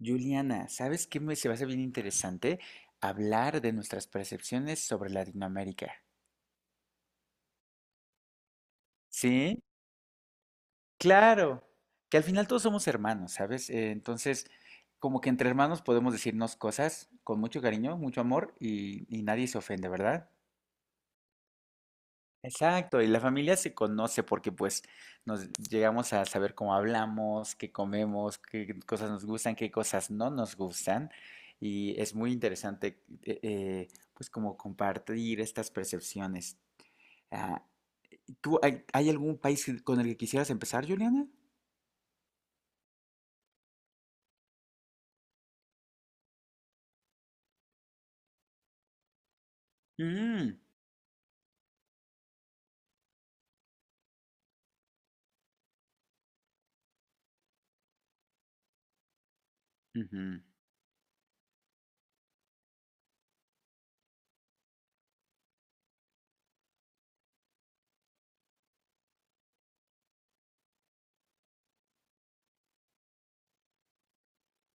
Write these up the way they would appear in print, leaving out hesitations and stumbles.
Juliana, ¿sabes qué me se me hace bien interesante? Hablar de nuestras percepciones sobre Latinoamérica. Sí, claro, que al final todos somos hermanos, ¿sabes? Entonces, como que entre hermanos podemos decirnos cosas con mucho cariño, mucho amor y nadie se ofende, ¿verdad? Exacto, y la familia se conoce porque pues nos llegamos a saber cómo hablamos, qué comemos, qué cosas nos gustan, qué cosas no nos gustan. Y es muy interesante pues como compartir estas percepciones. Ah, ¿Tú hay algún país con el que quisieras empezar, Juliana? Mm, ujú,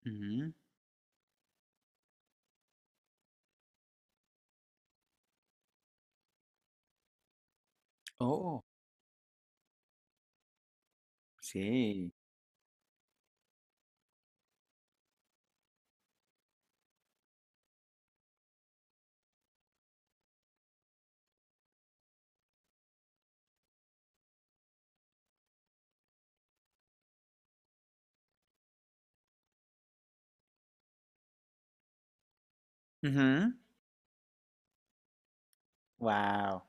ujú. Oh, sí. Wow.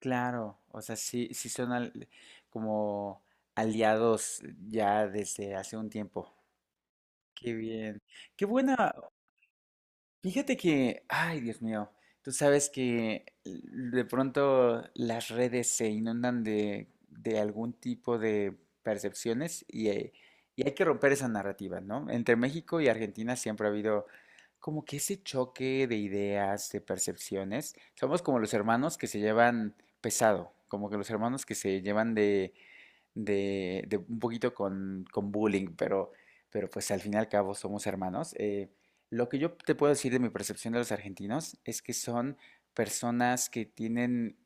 Claro, o sea, sí, sí son como aliados ya desde hace un tiempo. Qué bien. Qué buena. Fíjate que, ay, Dios mío, tú sabes que de pronto las redes se inundan de algún tipo de percepciones y hay que romper esa narrativa, ¿no? Entre México y Argentina siempre ha habido como que ese choque de ideas, de percepciones. Somos como los hermanos que se llevan pesado, como que los hermanos que se llevan de un poquito con bullying, pero pues al fin y al cabo somos hermanos. Lo que yo te puedo decir de mi percepción de los argentinos es que son personas que tienen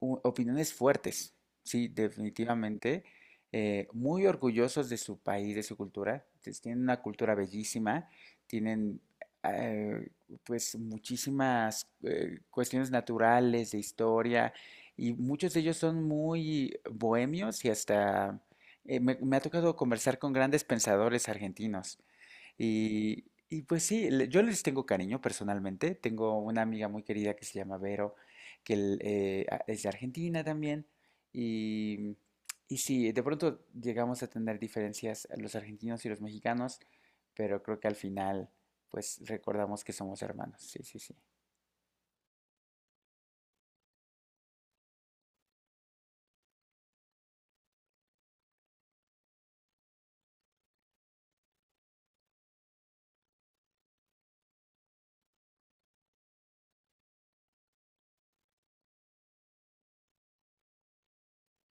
opiniones fuertes, sí, definitivamente, muy orgullosos de su país, de su cultura, pues, tienen una cultura bellísima, tienen eh, pues muchísimas cuestiones naturales, de historia, y muchos de ellos son muy bohemios y hasta me ha tocado conversar con grandes pensadores argentinos y pues sí, yo les tengo cariño personalmente. Tengo una amiga muy querida que se llama Vero, que es de Argentina también. Y, y sí, de pronto llegamos a tener diferencias los argentinos y los mexicanos, pero creo que al final, pues recordamos que somos hermanos. Sí, sí, sí.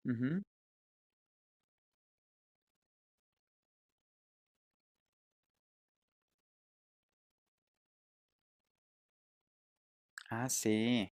Ujú. Ah, sí.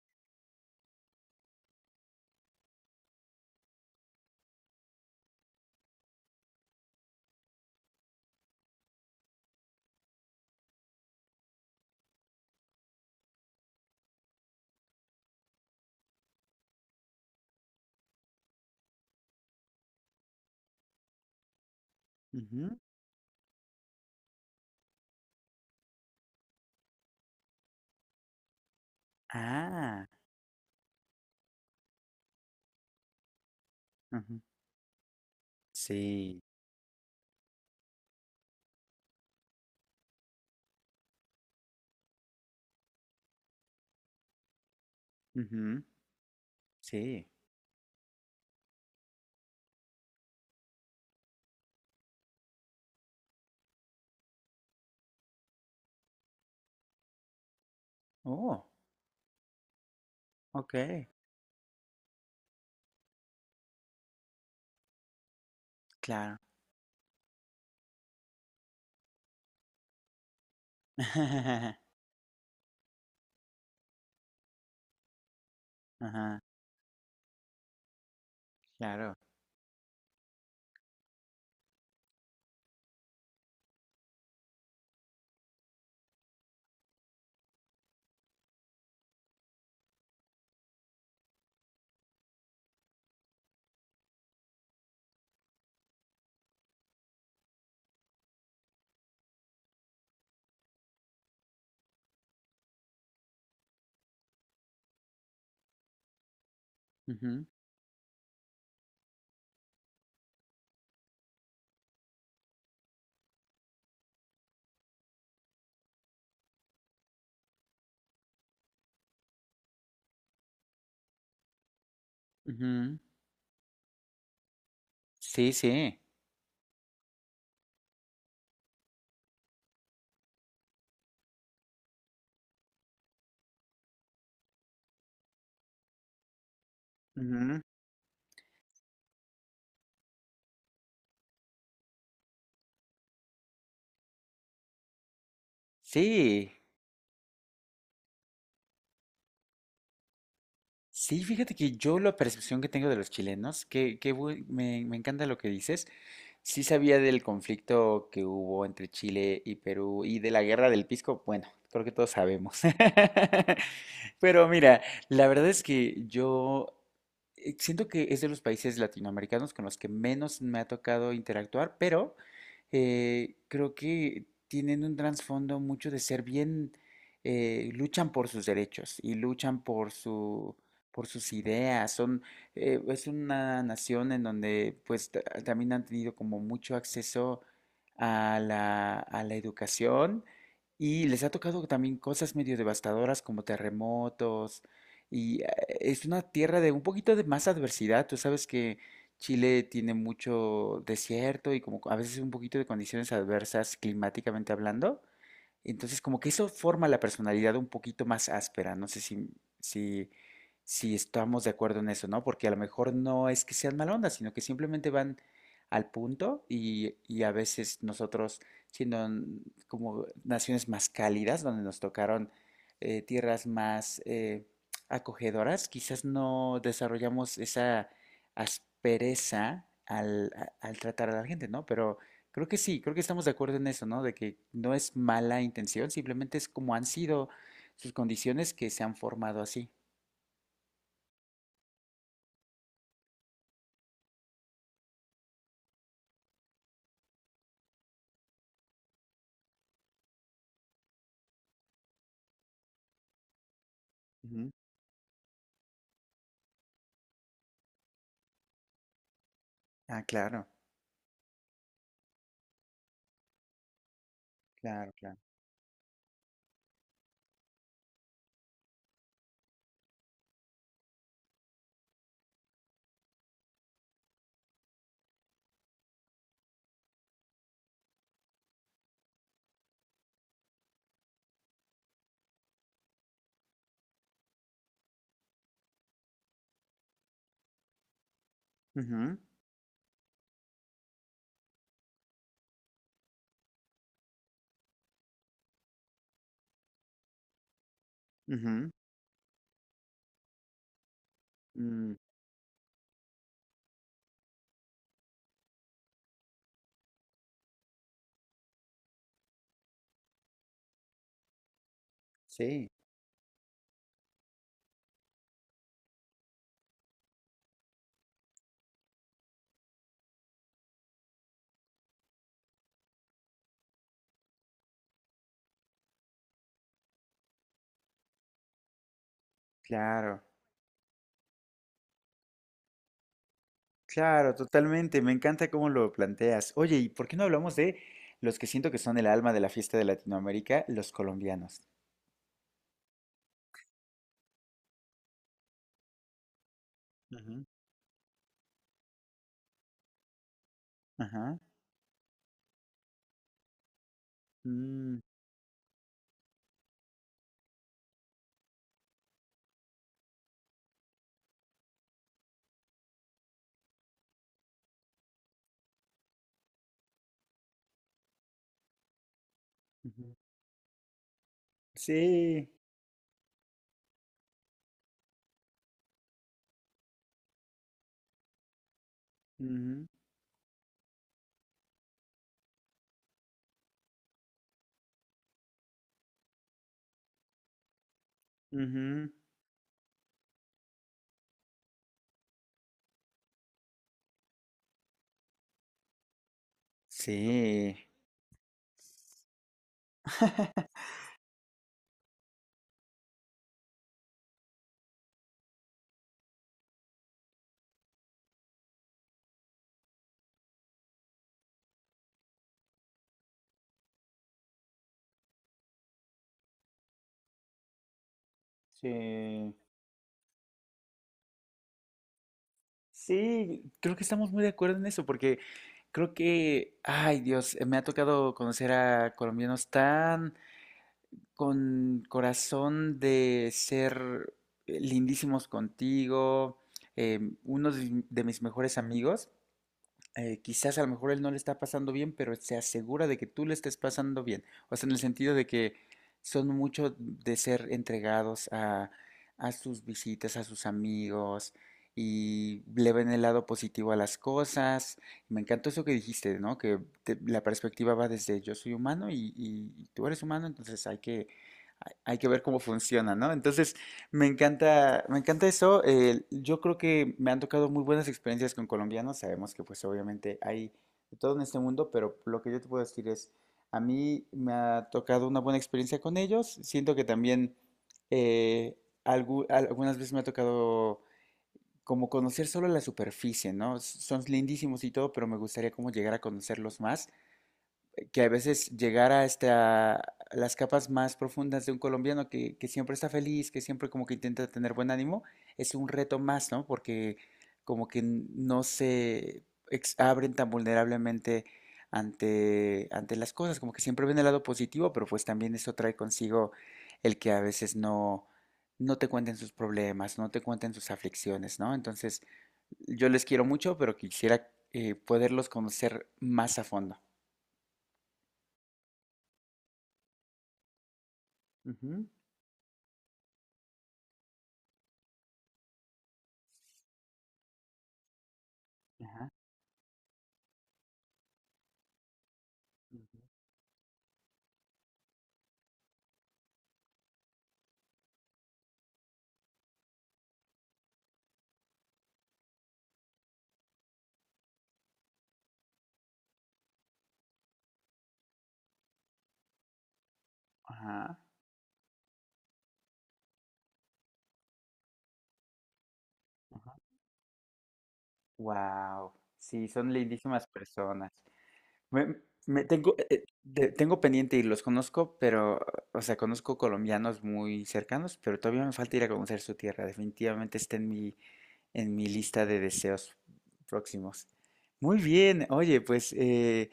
Ujú. Ah, ujú. Sí. Ujú. Sí. Oh, ok. Claro. Ajá, claro. Ujú, ujú. Sí, sí. Ujú. Sí, Sí, fíjate que yo la percepción que tengo de los chilenos, que me encanta lo que dices, sí sabía del conflicto que hubo entre Chile y Perú y de la guerra del Pisco, bueno, creo que todos sabemos. Pero mira, la verdad es que yo siento que es de los países latinoamericanos con los que menos me ha tocado interactuar, pero creo que tienen un trasfondo mucho de ser bien, luchan por sus derechos y luchan por su por sus ideas. Son, es una nación en donde pues también han tenido como mucho acceso a la educación y les ha tocado también cosas medio devastadoras como terremotos y es una tierra de un poquito de más adversidad. Tú sabes que Chile tiene mucho desierto y como a veces un poquito de condiciones adversas climáticamente hablando. Entonces, como que eso forma la personalidad un poquito más áspera. No sé si, si estamos de acuerdo en eso, ¿no? Porque a lo mejor no es que sean mal onda, sino que simplemente van al punto y a veces nosotros, siendo como naciones más cálidas, donde nos tocaron tierras más acogedoras, quizás no desarrollamos esa aspereza al tratar a la gente, ¿no? Pero creo que sí, creo que estamos de acuerdo en eso, ¿no? De que no es mala intención, simplemente es como han sido sus condiciones que se han formado así. Ujú. Ah, claro, claro, claro. Ujú, ujú, mm, sí, claro, claro, totalmente. Me encanta cómo lo planteas. Oye, ¿y por qué no hablamos de los que siento que son el alma de la fiesta de Latinoamérica, los colombianos? Ujú, Ajá. Mm, ujú. Sí. Ujú, ujú. Sí. Sí. Sí, creo que estamos muy de acuerdo en eso, porque creo que, ay Dios, me ha tocado conocer a colombianos tan con corazón de ser lindísimos contigo. Uno de mis mejores amigos quizás a lo mejor él no le está pasando bien, pero se asegura de que tú le estés pasando bien. O sea, en el sentido de que son mucho de ser entregados a sus visitas, a sus amigos, y le ven el lado positivo a las cosas. Me encantó eso que dijiste, ¿no? Que la perspectiva va desde yo soy humano y tú eres humano, entonces hay que, hay que ver cómo funciona, ¿no? Entonces, me encanta eso. Yo creo que me han tocado muy buenas experiencias con colombianos. Sabemos que pues obviamente hay de todo en este mundo, pero lo que yo te puedo decir es, a mí me ha tocado una buena experiencia con ellos. Siento que también eh, algunas veces me ha tocado como conocer solo la superficie, ¿no? Son lindísimos y todo, pero me gustaría como llegar a conocerlos más que a veces llegar a hasta las capas más profundas de un colombiano que siempre está feliz, que siempre como que intenta tener buen ánimo, es un reto más, ¿no? Porque como que no se abren tan vulnerablemente ante las cosas, como que siempre ven el lado positivo, pero pues también eso trae consigo el que a veces no te cuenten sus problemas, no te cuenten sus aflicciones, ¿no? Entonces, yo les quiero mucho, pero quisiera poderlos conocer más a fondo. Ujú. Ajá. Ujú. Ajá, ajá. Wow, sí, son lindísimas personas. Me, Tengo pendiente y los conozco, pero, o sea, conozco colombianos muy cercanos, pero todavía me falta ir a conocer su tierra. Definitivamente está en en mi lista de deseos próximos. Muy bien, oye, pues, eh,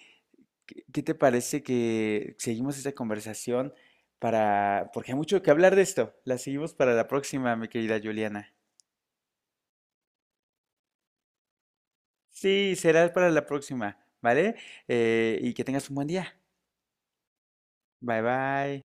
¿qué, qué te parece que seguimos esta conversación para, porque hay mucho que hablar de esto. La seguimos para la próxima, mi querida Juliana. Sí, será para la próxima, ¿vale? Y que tengas un buen día. Bye bye.